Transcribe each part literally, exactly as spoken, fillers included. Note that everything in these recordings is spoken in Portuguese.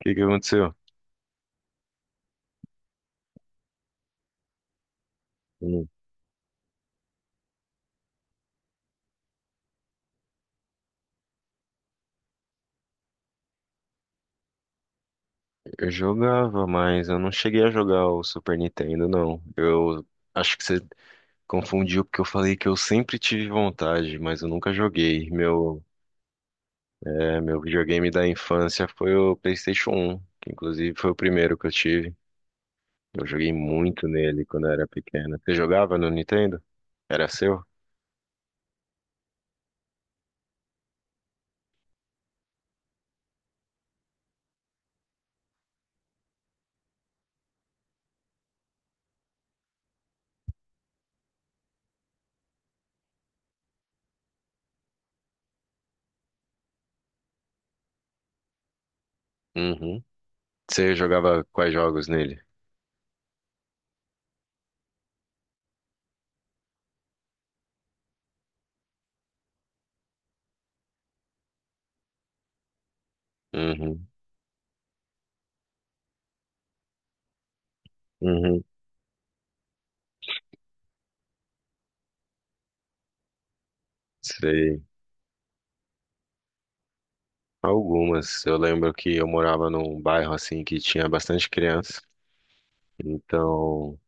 que que aconteceu? Hum, Eu jogava, mas eu não cheguei a jogar o Super Nintendo, não. Eu acho que você confundiu porque eu falei que eu sempre tive vontade, mas eu nunca joguei. Meu, é, meu videogame da infância foi o PlayStation um, que inclusive foi o primeiro que eu tive. Eu joguei muito nele quando eu era pequena. Você jogava no Nintendo? Era seu? Uhum. Você jogava quais jogos nele? Uhum. Uhum. Sei. Algumas. Eu lembro que eu morava num bairro assim que tinha bastante criança, então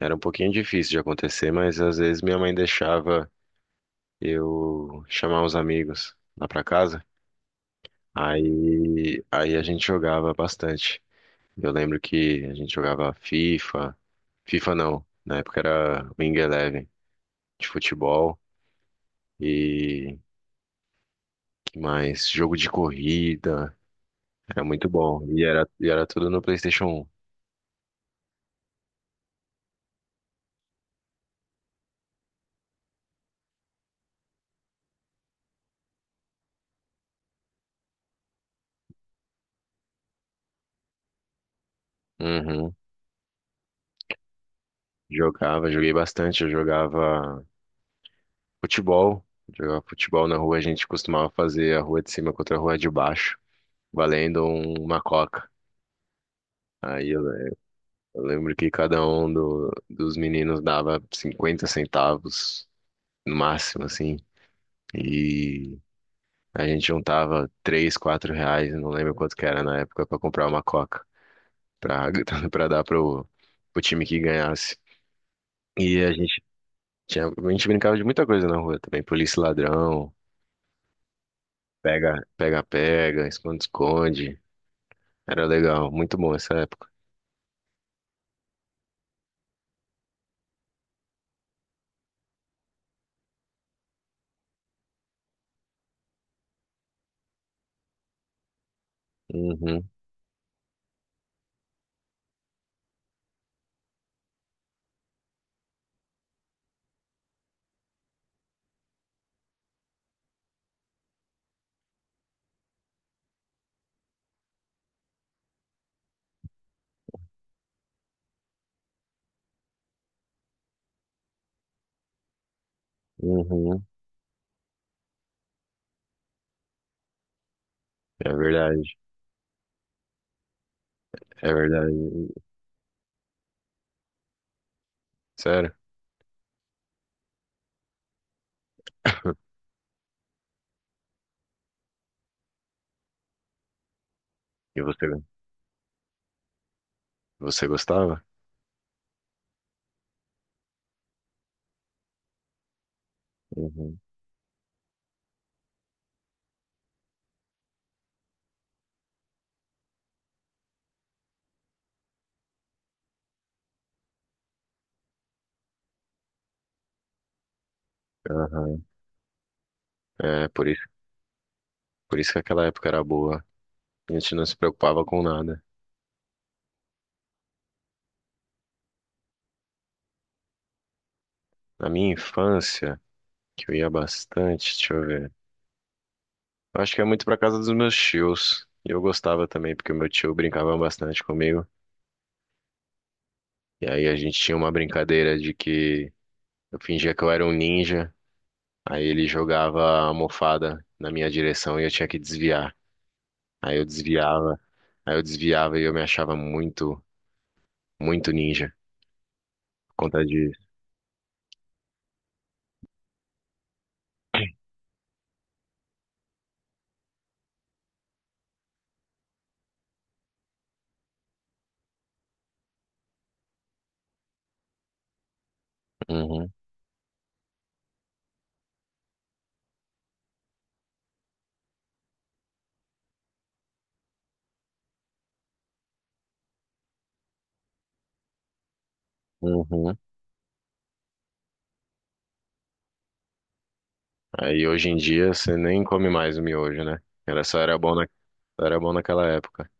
era um pouquinho difícil de acontecer, mas às vezes minha mãe deixava eu chamar os amigos lá pra casa. Aí, aí a gente jogava bastante. Eu lembro que a gente jogava FIFA, FIFA não, na época era Wing Eleven de futebol e que mais? Jogo de corrida, era muito bom. E era, e era tudo no PlayStation um. Jogava, joguei bastante, eu jogava futebol, jogava futebol na rua, a gente costumava fazer a rua de cima contra a rua de baixo, valendo um- uma coca. Aí eu, eu lembro que cada um do- dos meninos dava cinquenta centavos no máximo, assim, e a gente juntava três quatro reais, eu não lembro quanto que era na época, pra comprar uma coca, pra, pra dar pro, pro time que ganhasse. E a gente tinha, a gente brincava de muita coisa na rua também, polícia e ladrão, pega, pega, pega, esconde, esconde. Era legal, muito bom essa época. Uhum, uhum. É verdade, é verdade. Sério? E você, você gostava? Uhum, aham. É, por isso, por isso que aquela época era boa. A gente não se preocupava com nada. Na minha infância, que eu ia bastante, deixa eu ver. Eu acho que é muito pra casa dos meus tios. E eu gostava também, porque o meu tio brincava bastante comigo. E aí a gente tinha uma brincadeira de que eu fingia que eu era um ninja. Aí ele jogava a almofada na minha direção e eu tinha que desviar. Aí eu desviava, aí eu desviava e eu me achava muito, muito ninja por conta disso. Uhum, uhum. Aí hoje em dia você nem come mais o miojo, né? Era só era bom na, só era bom naquela época.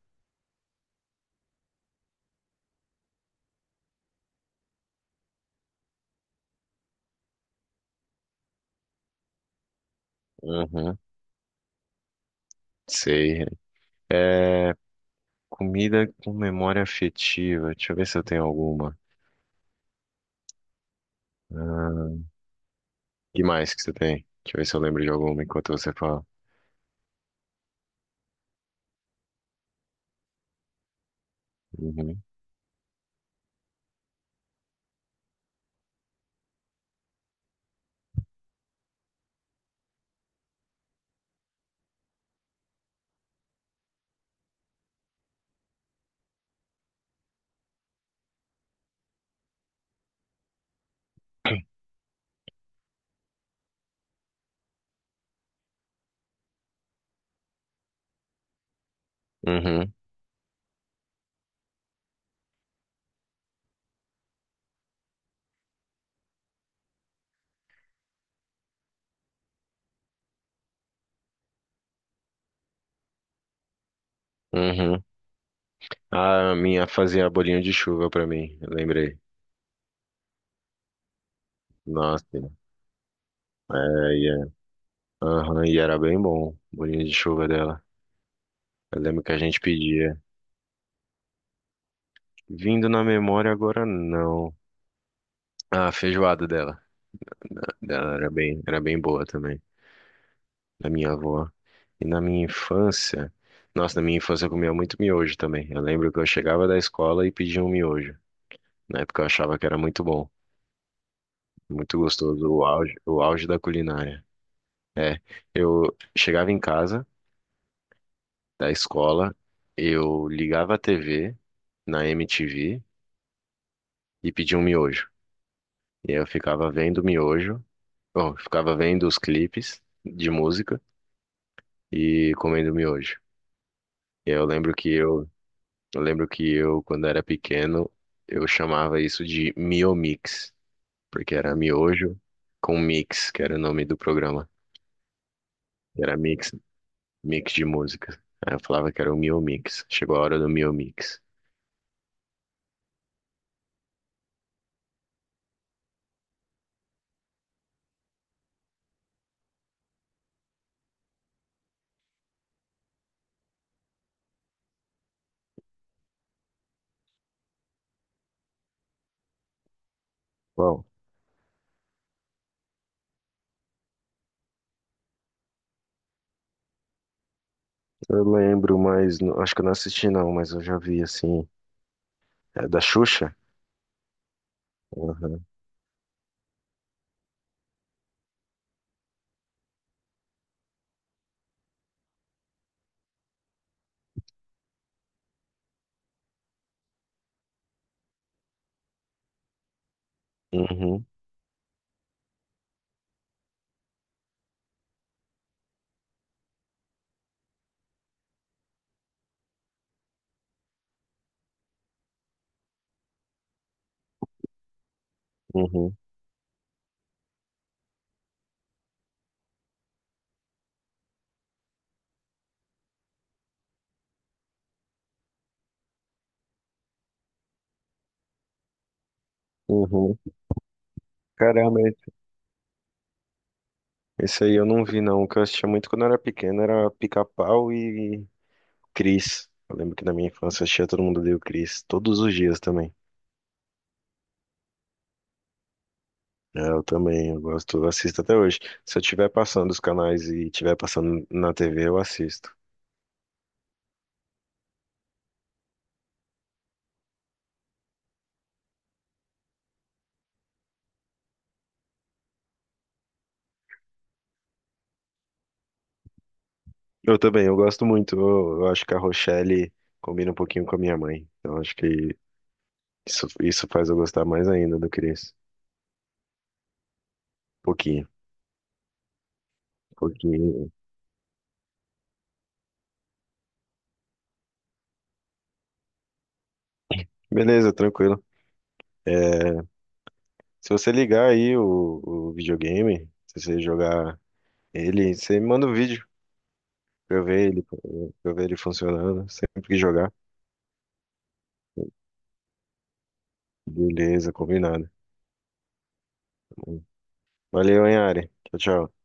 Uhum, sei. É, comida com memória afetiva. Deixa eu ver se eu tenho alguma. Ah, que mais que você tem? Deixa eu ver se eu lembro de alguma enquanto você fala. Uhum, uhum, uhum. Ah, a minha fazia bolinho de chuva pra mim, eu lembrei. Nossa, é, e é- aham, e era bem bom, bolinho de chuva dela. Eu lembro que a gente pedia. Vindo na memória agora, não. Ah, a feijoada dela. Dela era bem, era bem boa também, da minha avó. E na minha infância, nossa, na minha infância eu comia muito miojo também. Eu lembro que eu chegava da escola e pedia um miojo. Na época eu achava que era muito bom, muito gostoso, o auge, o auge da culinária. É, eu chegava em casa da escola, eu ligava a T V na M T V e pedia um miojo. E aí eu ficava vendo miojo, bom, ficava vendo os clipes de música e comendo miojo. E aí eu lembro que eu, eu lembro que eu, quando era pequeno, eu chamava isso de Miomix, porque era miojo com mix, que era o nome do programa. Era mix, mix de música. Aí eu falava que era o Miomix. Chegou a hora do Miomix. Bom, eu lembro, mas não- acho que eu não assisti não, mas eu já vi assim. É da Xuxa? Uhum. Uhum, uhum, uhum. Caramba, esse aí eu não vi não. O que eu assistia muito quando eu era pequeno era Pica-Pau e Cris. Eu lembro que na minha infância eu assistia Todo Mundo Odeia o Cris, todos os dias também. É, eu também, eu gosto, eu assisto até hoje. Se eu estiver passando os canais e estiver passando na T V, eu assisto. Eu também, eu gosto muito. Eu, eu acho que a Rochelle combina um pouquinho com a minha mãe. Então acho que Isso, isso faz eu gostar mais ainda do Chris. Pouquinho, pouquinho. Beleza, tranquilo. É, se você ligar aí o, o videogame, se você jogar ele, você me manda um vídeo pra eu ver ele, pra eu ver ele funcionando, sempre que jogar. Beleza, combinado. Valeu, hein, Ari. Tchau, tchau.